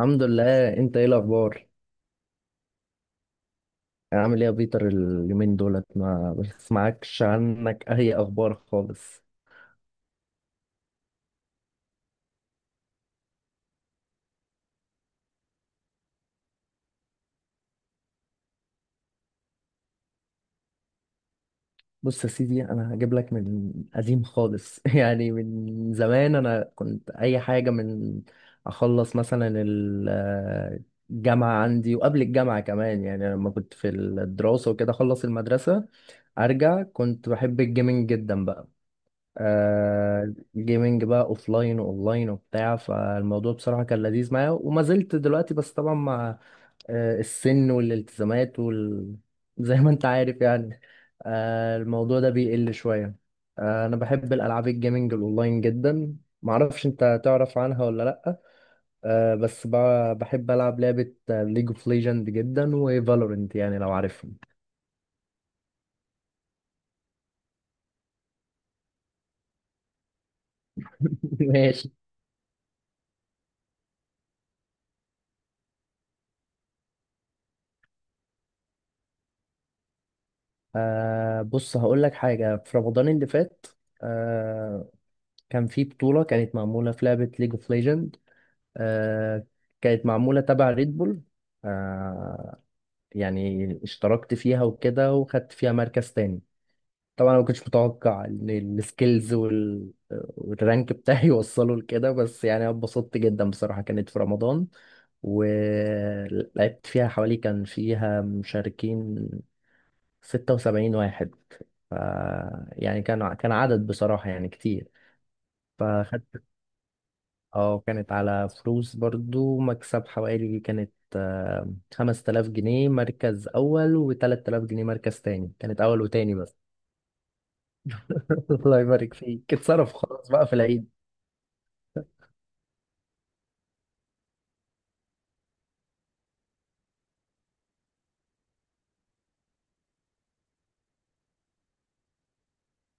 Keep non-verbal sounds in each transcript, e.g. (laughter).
الحمد لله. انت ايه الاخبار؟ يعني عامل ايه يا بيتر؟ اليومين دولت ما بسمعكش عنك اي اخبار خالص. بص يا سيدي، انا هجيب لك من قديم خالص. (laughs) يعني من زمان انا كنت اي حاجه من اخلص مثلا الجامعه عندي، وقبل الجامعه كمان، يعني لما كنت في الدراسه وكده اخلص المدرسه ارجع، كنت بحب الجيمنج جدا بقى. جيمنج بقى اوفلاين واونلاين وبتاع، فالموضوع بصراحة كان لذيذ معايا وما زلت دلوقتي، بس طبعا مع السن والالتزامات (laughs) زي ما انت عارف يعني. الموضوع ده بيقل شوية. انا بحب الالعاب، الجيمنج الاونلاين جدا. معرفش انت تعرف عنها ولا لا. بس بحب العب لعبة ليج اوف ليجند جدا وفالورنت، يعني لو عارفهم. (laughs) ماشي. بص هقول لك حاجة. في رمضان اللي فات آه، كان في بطولة كانت معمولة في لعبة ليج اوف ليجند، كانت معمولة تبع ريد بول. آه يعني اشتركت فيها وكده وخدت فيها مركز تاني. طبعا انا ما كنتش متوقع ان السكيلز والرانك بتاعي (laughs) يوصلوا لكده، بس يعني أنا اتبسطت جدا بصراحة. كانت في رمضان، ولعبت فيها حوالي، كان فيها مشاركين 76 واحد. ف يعني كان عدد بصراحة يعني كتير. فخدت، اه كانت على فلوس برضو، مكسب حوالي كانت 5000 جنيه مركز أول و3000 جنيه مركز تاني، كانت أول وتاني بس. (laughs) الله يبارك فيك، اتصرف خلاص بقى في العيد.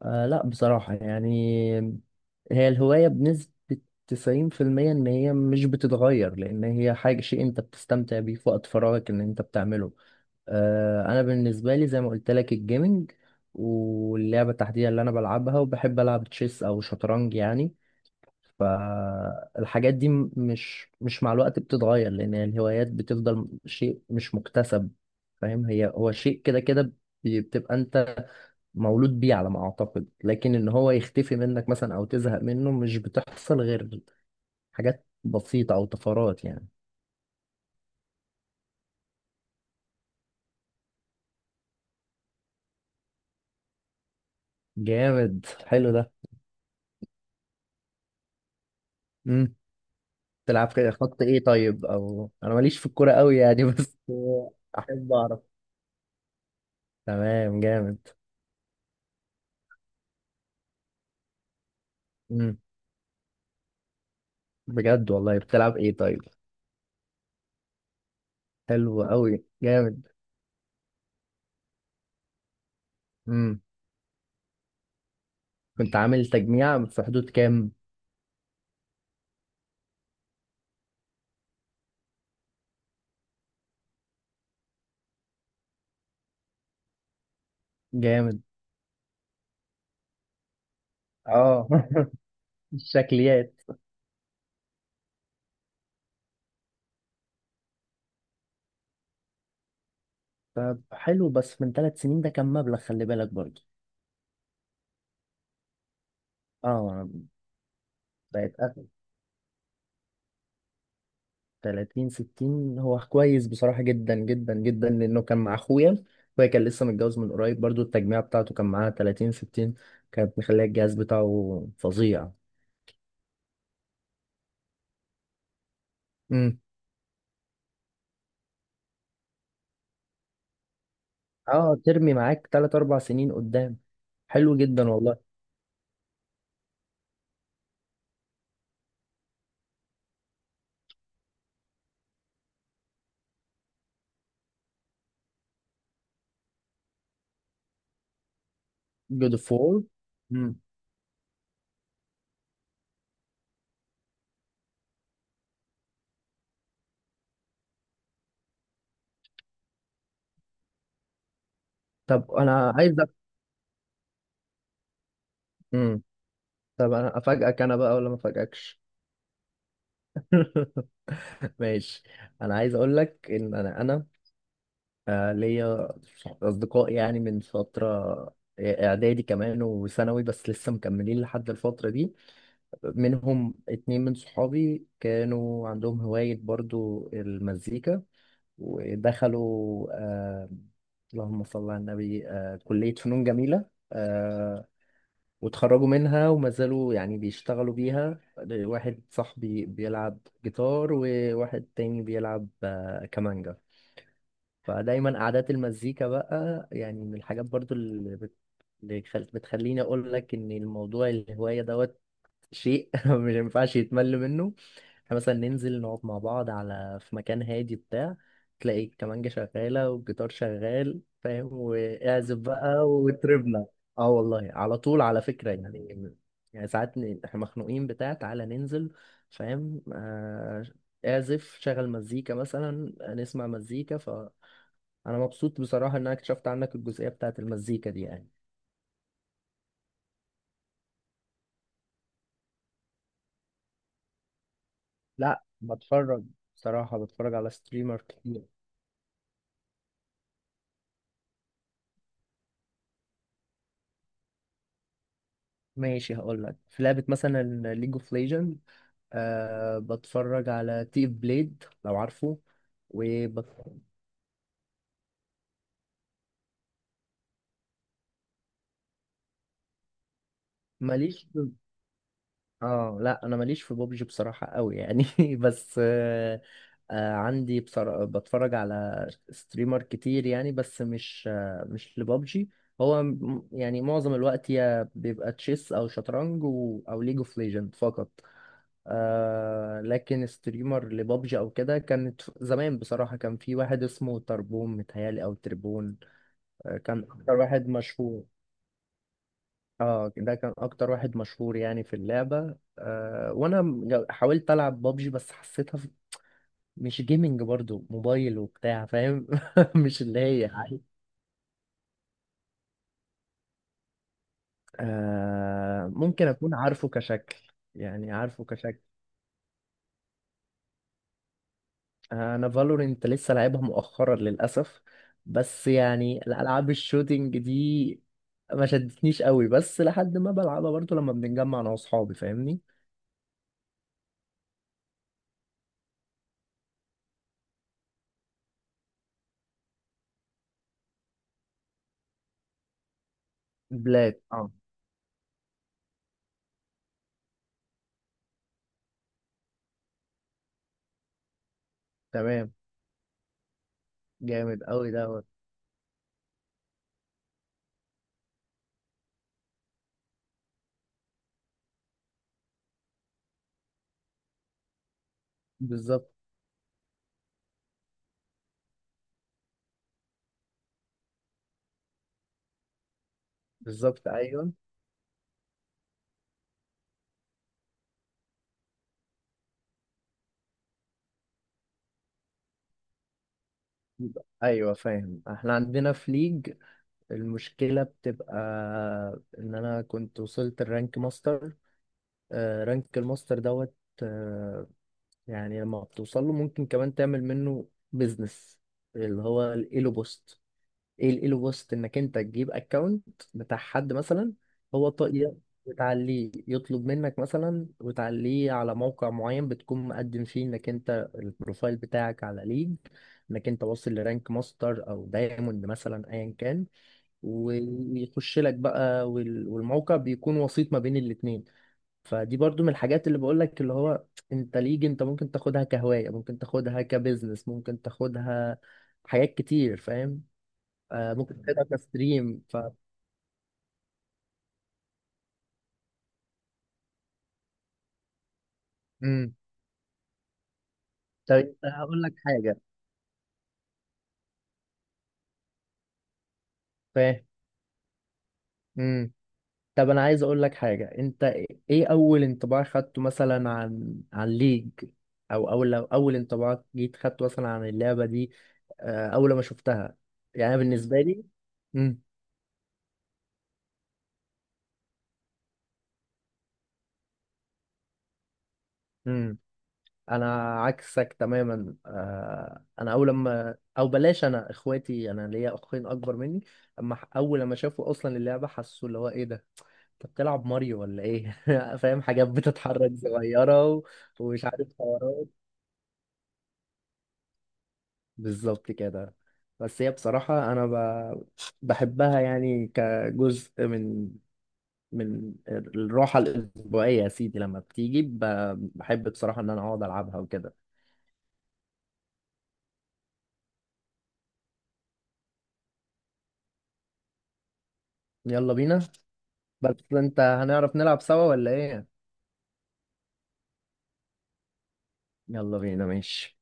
لا بصراحة يعني، هي الهواية بنسبة 90% إن هي مش بتتغير، لأن هي حاجة، شيء أنت بتستمتع بيه في وقت فراغك إن أنت بتعمله. أنا بالنسبة لي زي ما قلت لك الجيمنج، واللعبة التحديدية اللي أنا بلعبها، وبحب ألعب تشيس أو شطرنج يعني. فالحاجات دي مش مع الوقت بتتغير، لأن يعني الهوايات بتفضل شيء مش مكتسب، فاهم. هو شيء كده كده. بتبقى أنت مولود بيه على ما أعتقد، لكن إن هو يختفي منك مثلا أو تزهق منه مش بتحصل غير حاجات بسيطة أو طفرات يعني. جامد، حلو ده. امم. تلعب كده خط إيه طيب؟ أو أنا ماليش في الكورة قوي يعني، (laughs) بس أحب أعرف. تمام، جامد. امم. بجد والله؟ بتلعب إيه طيب؟ حلو قوي، جامد. امم. كنت عامل تجميع في حدود كام؟ جامد. اه (laughs) الشكليات. طب حلو، بس من 3 سنين ده كان مبلغ، خلي بالك برضه. اه أنا. بقت اغلى. 30 60 هو كويس بصراحة جدا جدا جدا، لانه كان مع اخويا. اخويا كان لسه متجوز من قريب برضه، التجميع بتاعته كان معاها 30 60، كانت مخليه الجهاز بتاعه فظيع. امم. اه، ترمي معاك 3 4 سنين قدام، حلو جدا والله. جود فور. طب انا عايز. أف- طب انا افاجئك انا بقى ولا ما افاجئكش؟ (laughs) ماشي. انا عايز اقول لك ان انا ليا اصدقاء يعني من فتره، اعدادي كمان وثانوي، بس لسه مكملين لحد الفتره دي. منهم اتنين من صحابي كانوا عندهم هوايه برضو المزيكا، ودخلوا اللهم صل على النبي كليه فنون جميله، آه، واتخرجوا منها وما زالوا يعني بيشتغلوا بيها. واحد صاحبي بيلعب جيتار، وواحد تاني بيلعب كمانجا. فدايما قعدات المزيكا بقى، يعني من الحاجات برضو اللي بت- اللي خل- بتخليني اقول لك ان الموضوع الهواية دوت شيء. (laughs) مش، ما ينفعش يتمل منه. احنا مثلا ننزل نقعد مع بعض في مكان هادي بتاع، تلاقي الكمانجة شغالة والجيتار شغال، فاهم، واعزف بقى وتربنا. اه والله، على طول على فكرة يعني. يعني ساعات احنا مخنوقين بتاع، تعالى ننزل، فاهم. اعزف، شغل مزيكا مثلا، نسمع مزيكا. فأنا مبسوط بصراحة إن أنا اكتشفت عنك الجزئية بتاعت المزيكا دي يعني. لا، بتفرج. بصراحة بتفرج على ستريمر. ماشي هقول لك، في لعبة مثلا ليج اوف ليجند بتفرج على تيف بليد لو عارفه. وبت... ماليش في... اه لا انا ماليش في بوبجي بصراحة قوي يعني، (laughs) بس عندي بتفرج على ستريمر كتير يعني، بس مش لبابجي. هو يعني معظم الوقت يا بيبقى تشيس او شطرنج او ليج اوف ليجند فقط. لكن ستريمر لبابجي او كده كانت زمان بصراحة، كان في واحد اسمه تربون، متهيألي او تربون كان اكتر واحد مشهور. اه ده كان اكتر واحد مشهور يعني في اللعبة. وانا حاولت العب بابجي، بس حسيتها مش جيمنج، برضو موبايل وبتاع، فاهم. (laughs) مش اللي هي. ممكن اكون عارفه كشكل، يعني عارفه. انا فالورنت لسه لعبها مؤخرا للاسف، بس يعني الالعاب الشوتينج دي ما شدتنيش قوي، بس لحد ما بلعبها برضو لما بنتجمع انا واصحابي، فاهمني. بلاك، اه. تمام، جامد قوي دوت. بالظبط. بالظبط ايوه. ايوه، فاهم. احنا عندنا في ليج، المشكله بتبقى ان انا كنت وصلت الرانك ماستر، رانك الماستر دوت. آه، يعني لما بتوصل له ممكن كمان تعمل منه بيزنس، اللي هو الايلو بوست. ايه الايلو بوست؟ انك انت تجيب اكونت بتاع حد مثلا. هو ط- ي- بتعليه، يطلب منك مثلا وتعليه على موقع معين بتكون مقدم فيه، انك انت البروفايل بتاعك على ليج، انك انت واصل لرانك ماستر او دايموند مثلا ايا كان، ويخش لك بقى والموقع بيكون وسيط ما بين الاتنين. فدي برضو من الحاجات اللي بقولك، اللي هو انت ليج انت ممكن تاخدها كهواية، ممكن تاخدها كبزنس، ممكن تاخدها حاجات كتير، فاهم. ممكن تاخدها كستريم. امم. طب انت هقول لك حاجة، فاهم. امم. طب انا عايز اقول لك حاجة انت. ايه اول انطباع خدته مثلا عن ليج؟ او اول لو اول انطباع جيت خدته مثلا عن اللعبة دي اول ما شفتها؟ يعني أنا بالنسبة لي. امم. انا عكسك تماما. انا اول لما، او بلاش، انا اخواتي، انا ليا اخين اكبر مني. اما اول لما شافوا اصلا اللعبه حسوا اللي هو ايه ده، انت بتلعب ماريو ولا ايه؟ (laughs) فاهم، حاجات بتتحرك صغيره ومش عارف حوارات. بالظبط كده. بس هي بصراحه انا بحبها يعني كجزء من الراحه الاسبوعيه يا سيدي، لما بتيجي بحب بصراحه ان انا اقعد العبها وكده. يلا بينا. بس انت هنعرف نلعب سوا ولا ايه؟ يلا بينا، ماشي.